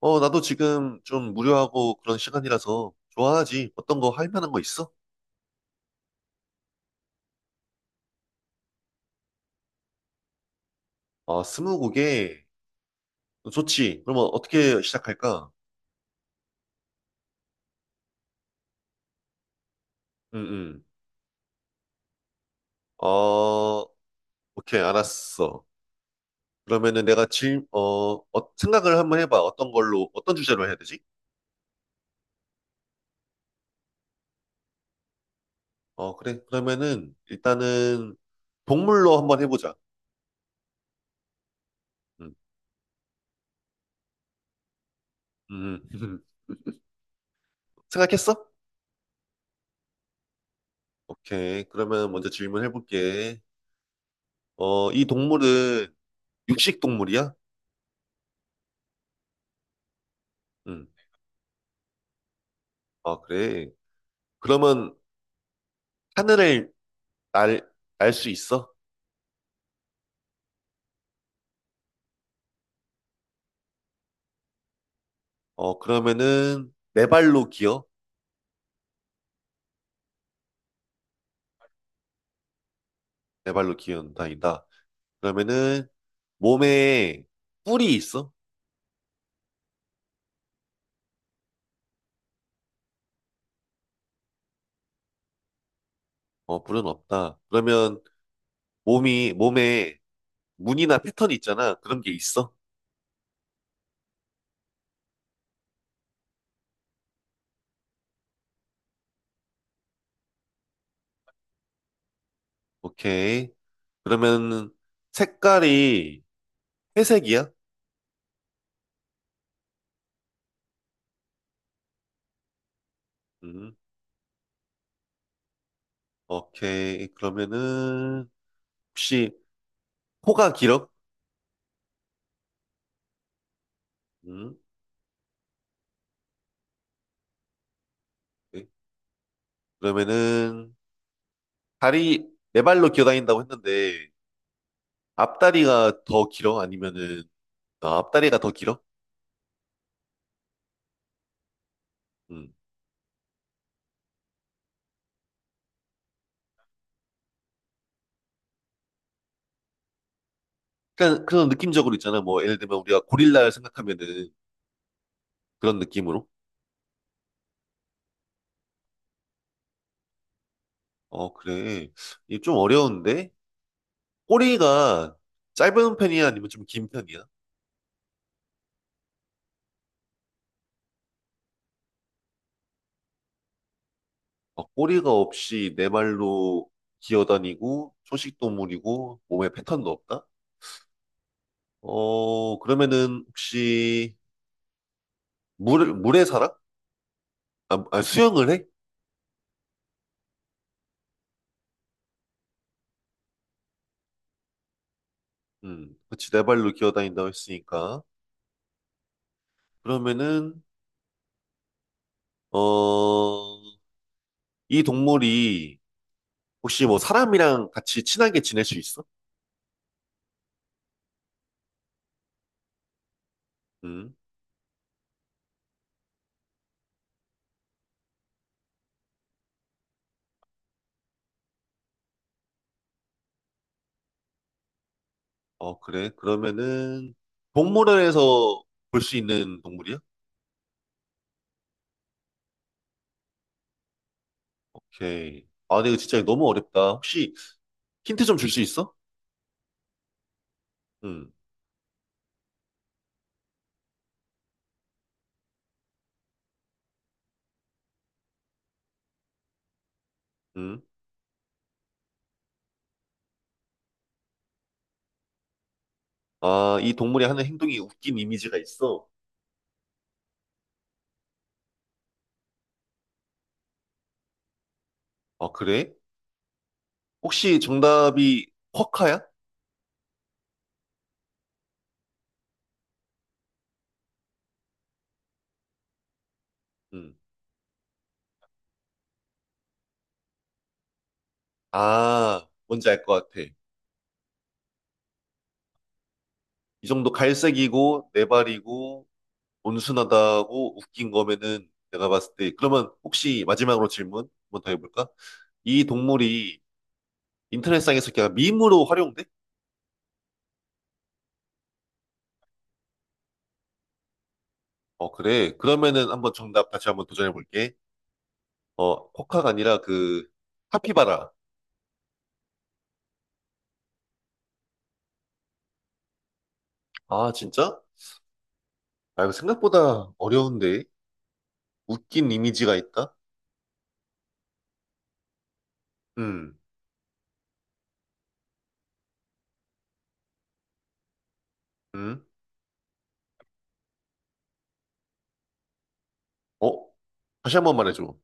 나도 지금 좀 무료하고 그런 시간이라서 좋아하지. 어떤 거 할 만한 거 있어? 스무고개. 좋지. 그러면 어떻게 시작할까? 응. 어, 오케이, 알았어. 그러면은 내가 질, 어, 어, 생각을 한번 해봐. 어떤 걸로, 어떤 주제로 해야 되지? 그래. 그러면은 일단은 동물로 한번 해보자. 응, 응. 응. 생각했어? 오케이. 그러면 먼저 질문해볼게. 이 동물은 육식 동물이야? 응. 아, 그래. 그러면 하늘을 날, 날 수 있어? 그러면은 네 발로 기어? 네 발로 기어 다닌다. 그러면은 몸에. 뿔이 있어? 뿔은 없다. 그러면 몸에 무늬나 패턴이 있잖아. 그런 게 있어? 오케이. 그러면 색깔이 회색이야? 음, 오케이. 그러면은 혹시 코가 길어? 음, 오케이. 그러면은 다리, 네 발로 기어 다닌다고 했는데 앞다리가 더 길어? 앞다리가 더 길어? 음. 그러니까 그런 느낌적으로 있잖아. 뭐 예를 들면 우리가 고릴라를 생각하면은 그런 느낌으로. 그래. 이게 좀 어려운데? 꼬리가 짧은 편이야? 아니면 좀 긴 편이야? 꼬리가 없이 네 발로 기어다니고 초식 동물이고 몸에 패턴도 없다? 그러면은 혹시 물에 살아? 수영을 해? 그치. 네 발로 기어다닌다고 했으니까. 그러면은 어, 이 동물이 혹시 뭐 사람이랑 같이 친하게 지낼 수 있어? 음, 그래. 그러면은 동물원에서 볼 수 있는 동물이야? 오케이. 아, 근데 이거 진짜 너무 어렵다. 혹시 힌트 좀 줄 수 있어? 음, 음. 아, 이 동물이 하는 행동이 웃긴 이미지가 있어. 아, 그래? 혹시 정답이 쿼카야? 음. 아, 뭔지 알 것 같아. 이 정도 갈색이고, 네 발이고, 온순하다고 웃긴 거면은 내가 봤을 때 그러면 혹시 마지막으로 질문 한번 더 해볼까? 이 동물이 인터넷상에서 그냥 밈으로 활용돼? 어 그래 그러면은 한번 정답 다시 한번 도전해볼게. 어 코카가 아니라 그 카피바라. 아 진짜? 아 이거 생각보다 어려운데 웃긴 이미지가 있다? 음, 음, 어? 다시 한번 말해줘.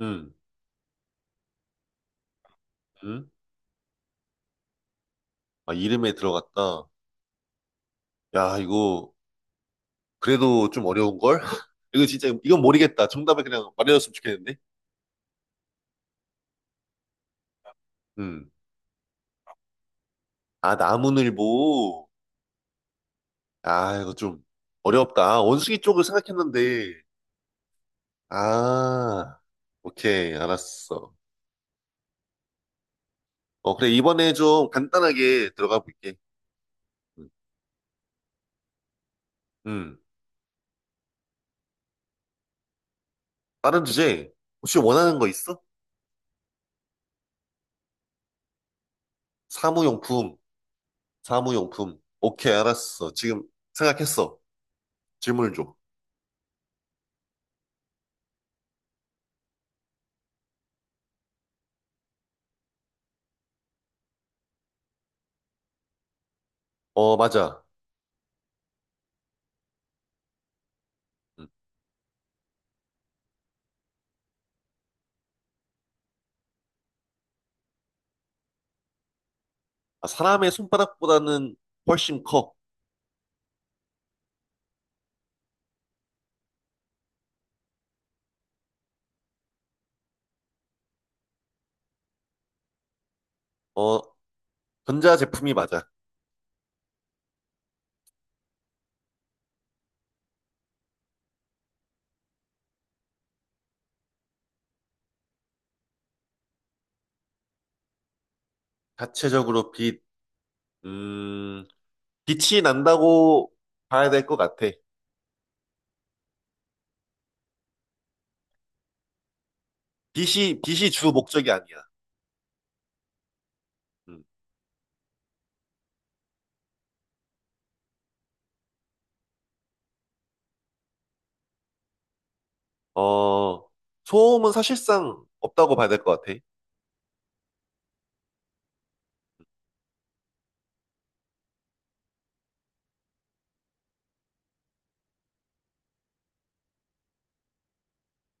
음, 음. 아 이름에 들어갔다. 야 이거 그래도 좀 어려운 걸? 이거 진짜 이건 모르겠다. 정답을 그냥 말해줬으면 좋겠는데. 음. 아, 나무늘보. 아, 이거 좀 어렵다. 원숭이 쪽을 생각했는데. 아, 오케이. 알았어. 그래. 이번에 좀 간단하게 들어가 볼게. 음. 음. 다른 주제. 혹시 원하는 거 있어? 사무용품. 사무용품. 오케이. 알았어. 지금 생각했어. 질문을 줘. 맞아. 음. 아, 사람의 손바닥보다는 훨씬 커. 어, 전자 제품이 맞아. 자체적으로 음, 빛이 난다고 봐야 될 것 같아. 빛이 주 목적이 아니야. 음. 어, 소음은 사실상 없다고 봐야 될 것 같아.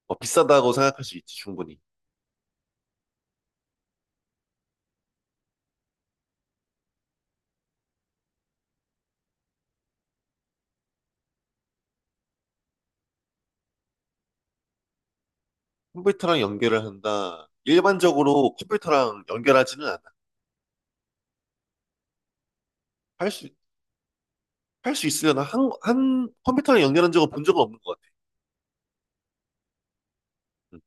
비싸다고 생각할 수 있지, 충분히. 컴퓨터랑 연결을 한다. 일반적으로 컴퓨터랑 연결하지는 않아. 할 수, 할 수 있으려나? 컴퓨터랑 연결한 적은 본 적은 없는 것 같아. 음.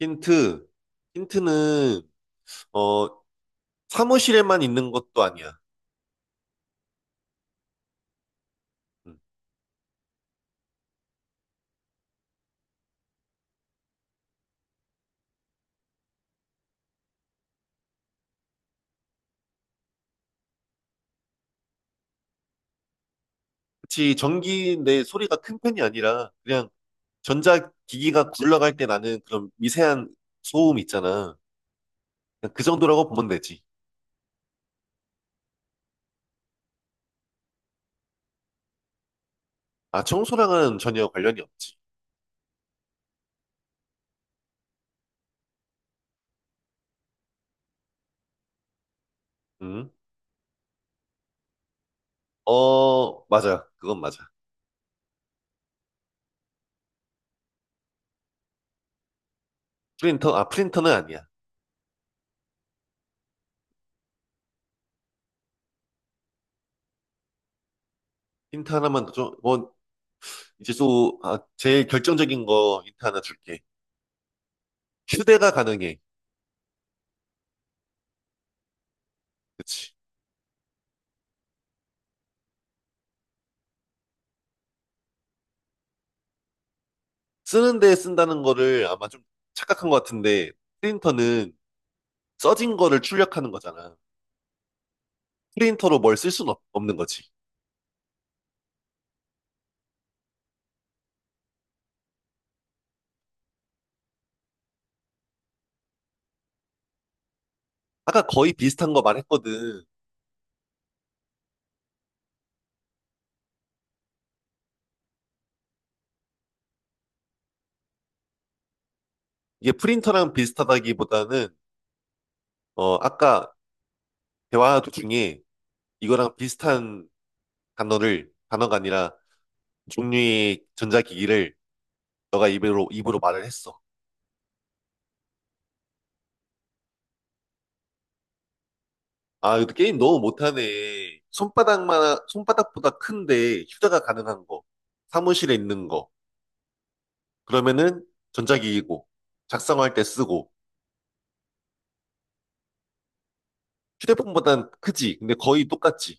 힌트, 힌트는, 어, 사무실에만 있는 것도 아니야. 음. 그치, 전기 내 소리가 큰 편이 아니라 그냥 전자기기가 굴러갈 때 나는 그런 미세한 소음 있잖아. 그냥 그 정도라고 보면 되지. 아, 청소랑은 전혀 관련이 없지. 응? 맞아. 그건 맞아. 프린터는 아니야. 힌트 하나만 더 줘. 제일 결정적인 거 힌트 하나 줄게. 휴대가 가능해. 그치. 쓰는데 쓴다는 거를 아마 좀 착각한 것 같은데, 프린터는 써진 거를 출력하는 거잖아. 프린터로 뭘 쓸 수는 없는 거지. 아까 거의 비슷한 거 말했거든. 이게 프린터랑 비슷하다기보다는, 아까 대화 중에 이거랑 비슷한 단어가 아니라 종류의 전자기기를 너가 입으로 말을 했어. 아, 이것도 게임 너무 못하네. 손바닥보다 큰데 휴대가 가능한 거. 사무실에 있는 거. 그러면은 전자기기고, 작성할 때 쓰고, 휴대폰보단 크지. 근데 거의 똑같지.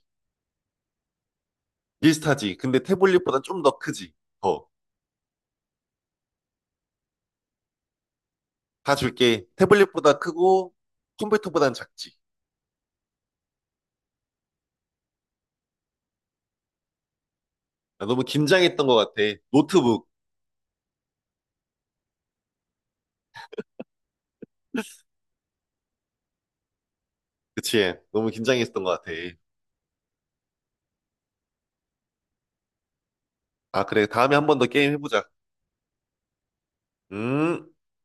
비슷하지. 근데 태블릿보단 좀 더 크지. 더. 다 줄게. 태블릿보다 크고 컴퓨터보단 작지. 아, 너무 긴장했던 것 같아. 노트북. 그치? 너무 긴장했던 것 같아. 아, 그래. 다음에 한 번 더 게임 해보자. 음.